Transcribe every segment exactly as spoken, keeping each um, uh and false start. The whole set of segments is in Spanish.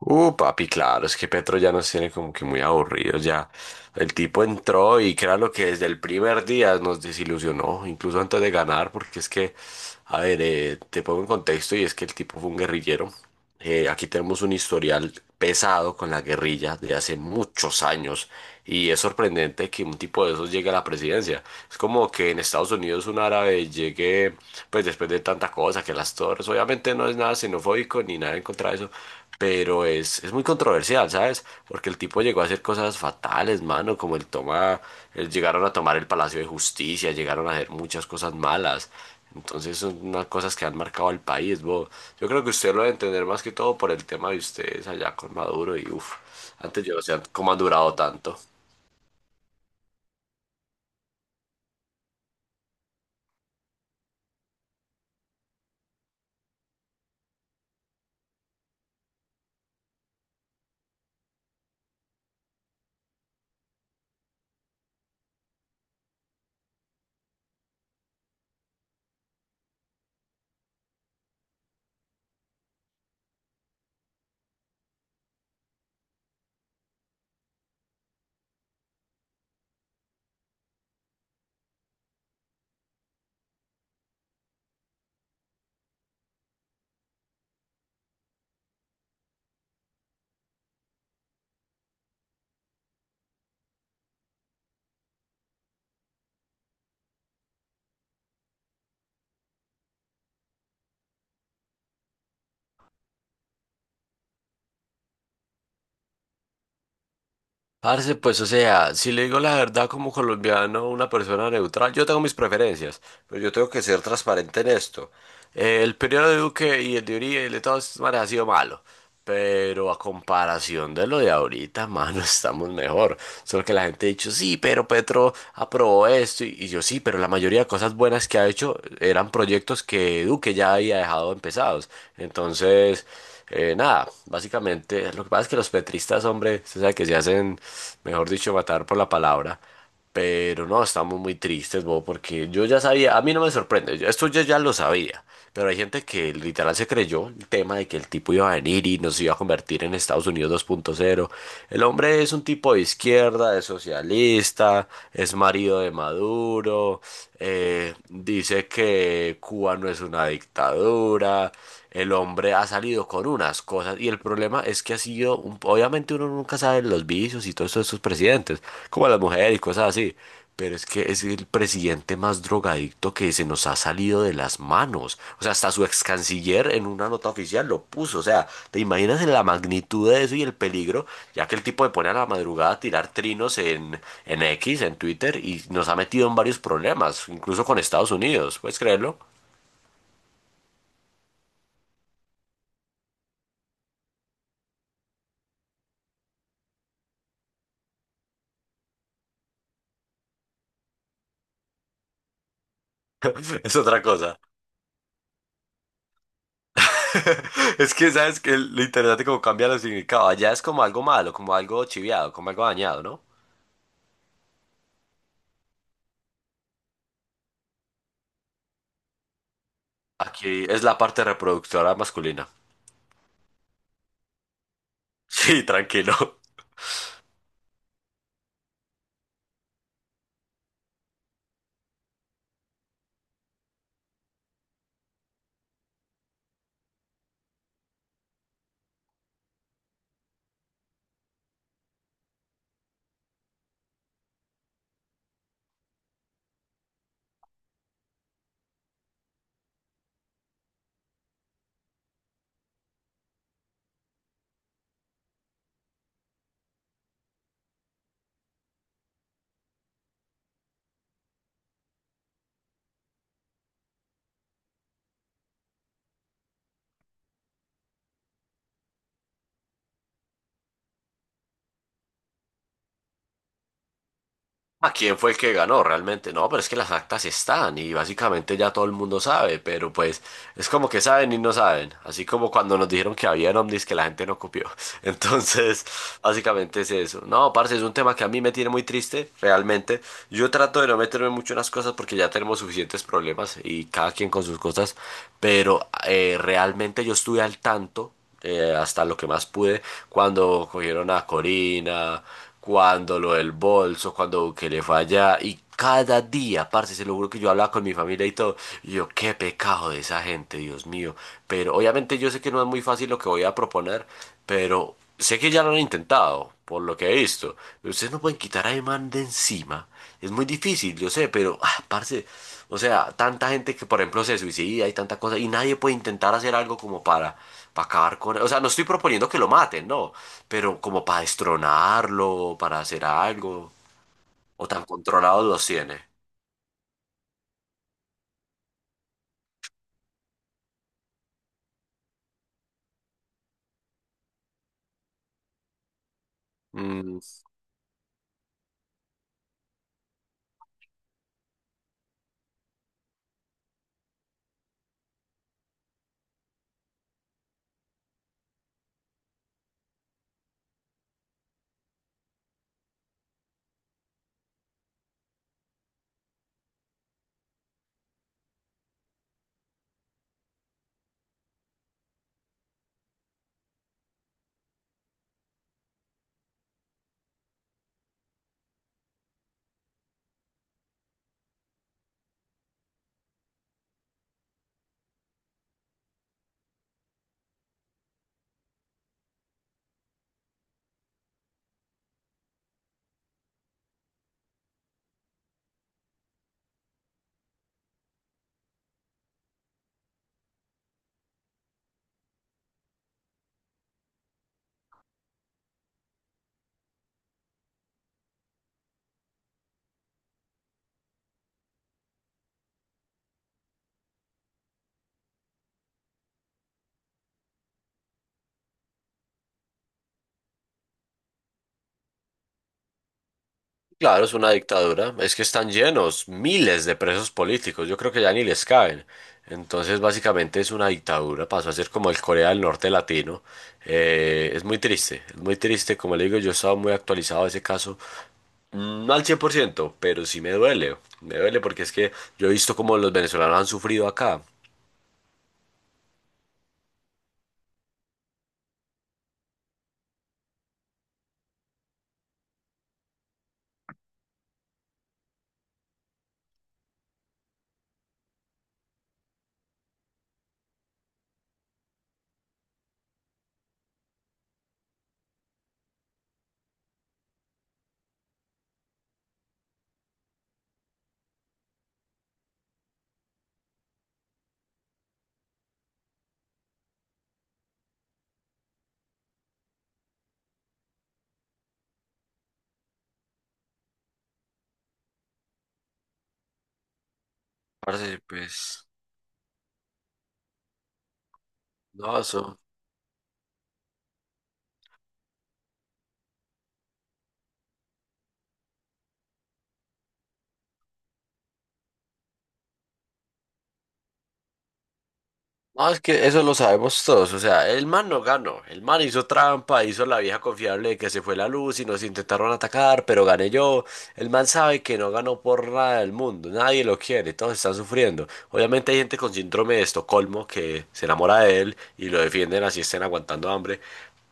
Uh, papi, claro, es que Petro ya nos tiene como que muy aburridos ya. El tipo entró y lo que desde el primer día nos desilusionó, incluso antes de ganar, porque es que, a ver, eh, te pongo en contexto y es que el tipo fue un guerrillero, eh, aquí tenemos un historial pesado con la guerrilla de hace muchos años y es sorprendente que un tipo de esos llegue a la presidencia. Es como que en Estados Unidos un árabe llegue, pues después de tanta cosa, que las torres, obviamente no es nada xenofóbico ni nada en contra de eso, pero es, es muy controversial, ¿sabes? Porque el tipo llegó a hacer cosas fatales, mano, como el toma, el- llegaron a tomar el Palacio de Justicia, llegaron a hacer muchas cosas malas. Entonces son unas cosas que han marcado al país, bo. Yo creo que usted lo debe entender más que todo por el tema de ustedes allá con Maduro y uff, antes yo no sé cómo han durado tanto. Parce, pues o sea, si le digo la verdad como colombiano, una persona neutral, yo tengo mis preferencias, pero yo tengo que ser transparente en esto. Eh, el periodo de Duque y el de Uribe y el de todas estas maneras ha sido malo, pero a comparación de lo de ahorita, mano, estamos mejor. Solo que la gente ha dicho, sí, pero Petro aprobó esto, y, y yo sí, pero la mayoría de cosas buenas que ha hecho eran proyectos que Duque ya había dejado empezados. Entonces... Eh, nada, básicamente, lo que pasa es que los petristas, hombre, se sabe que se hacen, mejor dicho, matar por la palabra. Pero no, estamos muy tristes, bo, porque yo ya sabía, a mí no me sorprende, yo- esto yo ya lo sabía, pero hay gente que literal se creyó el tema de que el tipo iba a venir y nos iba a convertir en Estados Unidos dos punto cero. El hombre es un tipo de izquierda, es socialista, es marido de Maduro, eh, dice que Cuba no es una dictadura. El hombre ha salido con unas cosas y el problema es que ha sido, un- obviamente uno nunca sabe los vicios y todo eso de sus presidentes, como las mujeres y cosas así, pero es que es el presidente más drogadicto que se nos ha salido de las manos. O sea, hasta su ex canciller en una nota oficial lo puso. O sea, ¿te imaginas la magnitud de eso y el peligro? Ya que el tipo le pone a la madrugada a tirar trinos en, en X, en Twitter, y nos ha metido en varios problemas, incluso con Estados Unidos. ¿Puedes creerlo? Es otra cosa. Es que, ¿sabes? Que lo interesante como cambia los significados. Allá es como algo malo, como algo chiviado, como algo dañado, ¿no? Aquí es la parte reproductora masculina. Sí, tranquilo. ¿A quién fue el que ganó realmente? No, pero es que las actas están y básicamente ya todo el mundo sabe, pero pues es como que saben y no saben, así como cuando nos dijeron que había en Omnis que la gente no copió. Entonces, básicamente es eso. No, parce, es un tema que a mí me tiene muy triste, realmente. Yo trato de no meterme mucho en las cosas porque ya tenemos suficientes problemas y cada quien con sus cosas, pero eh, realmente yo estuve al tanto eh, hasta lo que más pude, cuando cogieron a Corina, cuando lo del bolso, cuando le fue allá, y cada día, parce, se lo juro que yo hablaba con mi familia y todo, y yo, qué pecado de esa gente, Dios mío, pero obviamente yo sé que no es muy fácil lo que voy a proponer, pero sé que ya lo han intentado, por lo que he visto, ustedes no pueden quitar a Eman de encima, es muy difícil, yo sé, pero, ah, parce, o sea, tanta gente que, por ejemplo, se suicida y tanta cosa, y nadie puede intentar hacer algo como para para acabar con él. O sea, no estoy proponiendo que lo maten, no. Pero como para destronarlo, para hacer algo. O tan controlados los tiene. Mm, claro, es una dictadura. Es que están llenos, miles de presos políticos. Yo creo que ya ni les caben. Entonces, básicamente es una dictadura. Pasó a ser como el Corea del Norte latino. Eh, es muy triste, es muy triste. Como le digo, yo estaba muy actualizado de ese caso. Mm, no al cien por ciento, pero sí me duele. Me duele porque es que yo he visto cómo los venezolanos han sufrido acá. Parce, pues, no, eso, no, es que eso lo sabemos todos, o sea, el man no ganó, el man hizo trampa, hizo la vieja confiable de que se fue la luz y nos intentaron atacar, pero gané yo, el man sabe que no ganó por nada del mundo, nadie lo quiere, todos están sufriendo, obviamente hay gente con síndrome de Estocolmo que se enamora de él y lo defienden así estén aguantando hambre,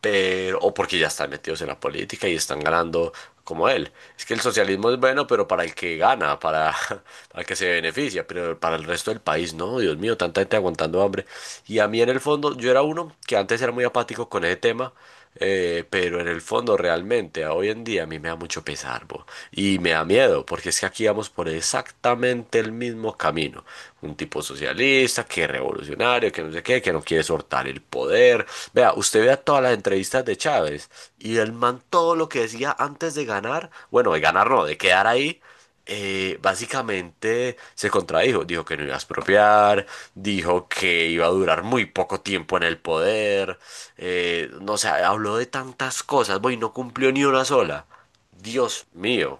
pero, o porque ya están metidos en la política y están ganando como él. Es que el socialismo es bueno, pero para el que gana, para, para el que se beneficia, pero para el resto del país, no, Dios mío, tanta gente aguantando hambre. Y a mí en el fondo, yo era uno que antes era muy apático con ese tema, eh, pero en el fondo realmente a hoy en día a mí me da mucho pesar, bo, y me da miedo, porque es que aquí vamos por exactamente el mismo camino. Un tipo socialista, que revolucionario, que no sé qué, que no quiere soltar el poder. Vea, usted vea todas las entrevistas de Chávez y el man todo lo que decía antes de ganar, bueno, de ganar no, de quedar ahí. Eh, básicamente se contradijo, dijo que no iba a expropiar, dijo que iba a durar muy poco tiempo en el poder, eh, no sé, habló de tantas cosas, voy, no cumplió ni una sola. Dios mío.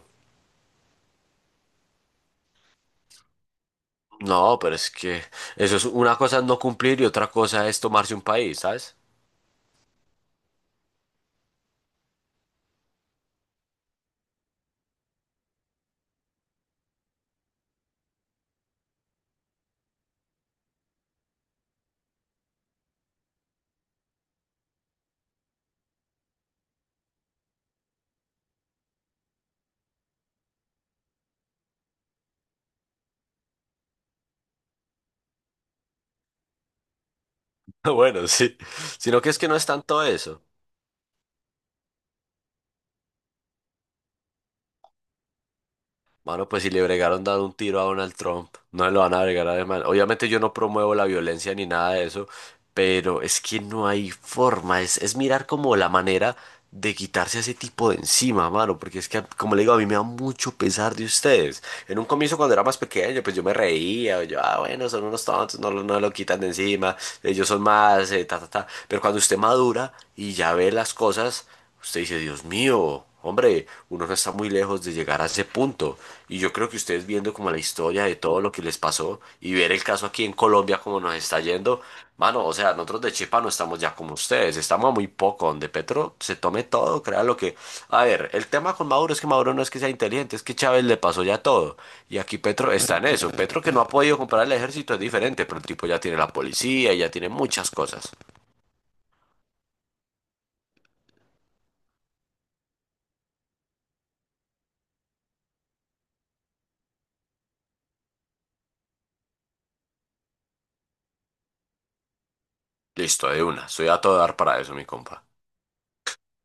No, pero es que eso es una cosa es no cumplir y otra cosa es tomarse un país, ¿sabes? Bueno, sí. Sino que es que no es tanto eso. Mano, pues si le bregaron dando un tiro a Donald Trump, no se lo van a bregar a ese man. Obviamente yo no promuevo la violencia ni nada de eso, pero es que no hay forma. Es, es mirar como la manera de quitarse a ese tipo de encima, mano. Porque es que, como le digo, a mí me da mucho pesar de ustedes. En un comienzo cuando era más pequeño, pues yo me reía. Yo, ah, bueno, son unos tontos, no, lo- no lo quitan de encima. Ellos son más, eh, ta, ta, ta. Pero cuando usted madura y ya ve las cosas... Usted dice, Dios mío, hombre, uno no está muy lejos de llegar a ese punto. Y yo creo que ustedes viendo como la historia de todo lo que les pasó y ver el caso aquí en Colombia como nos está yendo, mano, o sea, nosotros de Chepa no estamos ya como ustedes, estamos a muy poco, donde Petro se tome todo, crea lo que... A ver, el tema con Maduro es que Maduro no es que sea inteligente, es que Chávez le pasó ya todo. Y aquí Petro está en eso. Petro que no ha podido comprar el ejército es diferente, pero el tipo ya tiene la policía y ya tiene muchas cosas. Listo, de una, soy a todo dar para eso, mi compa.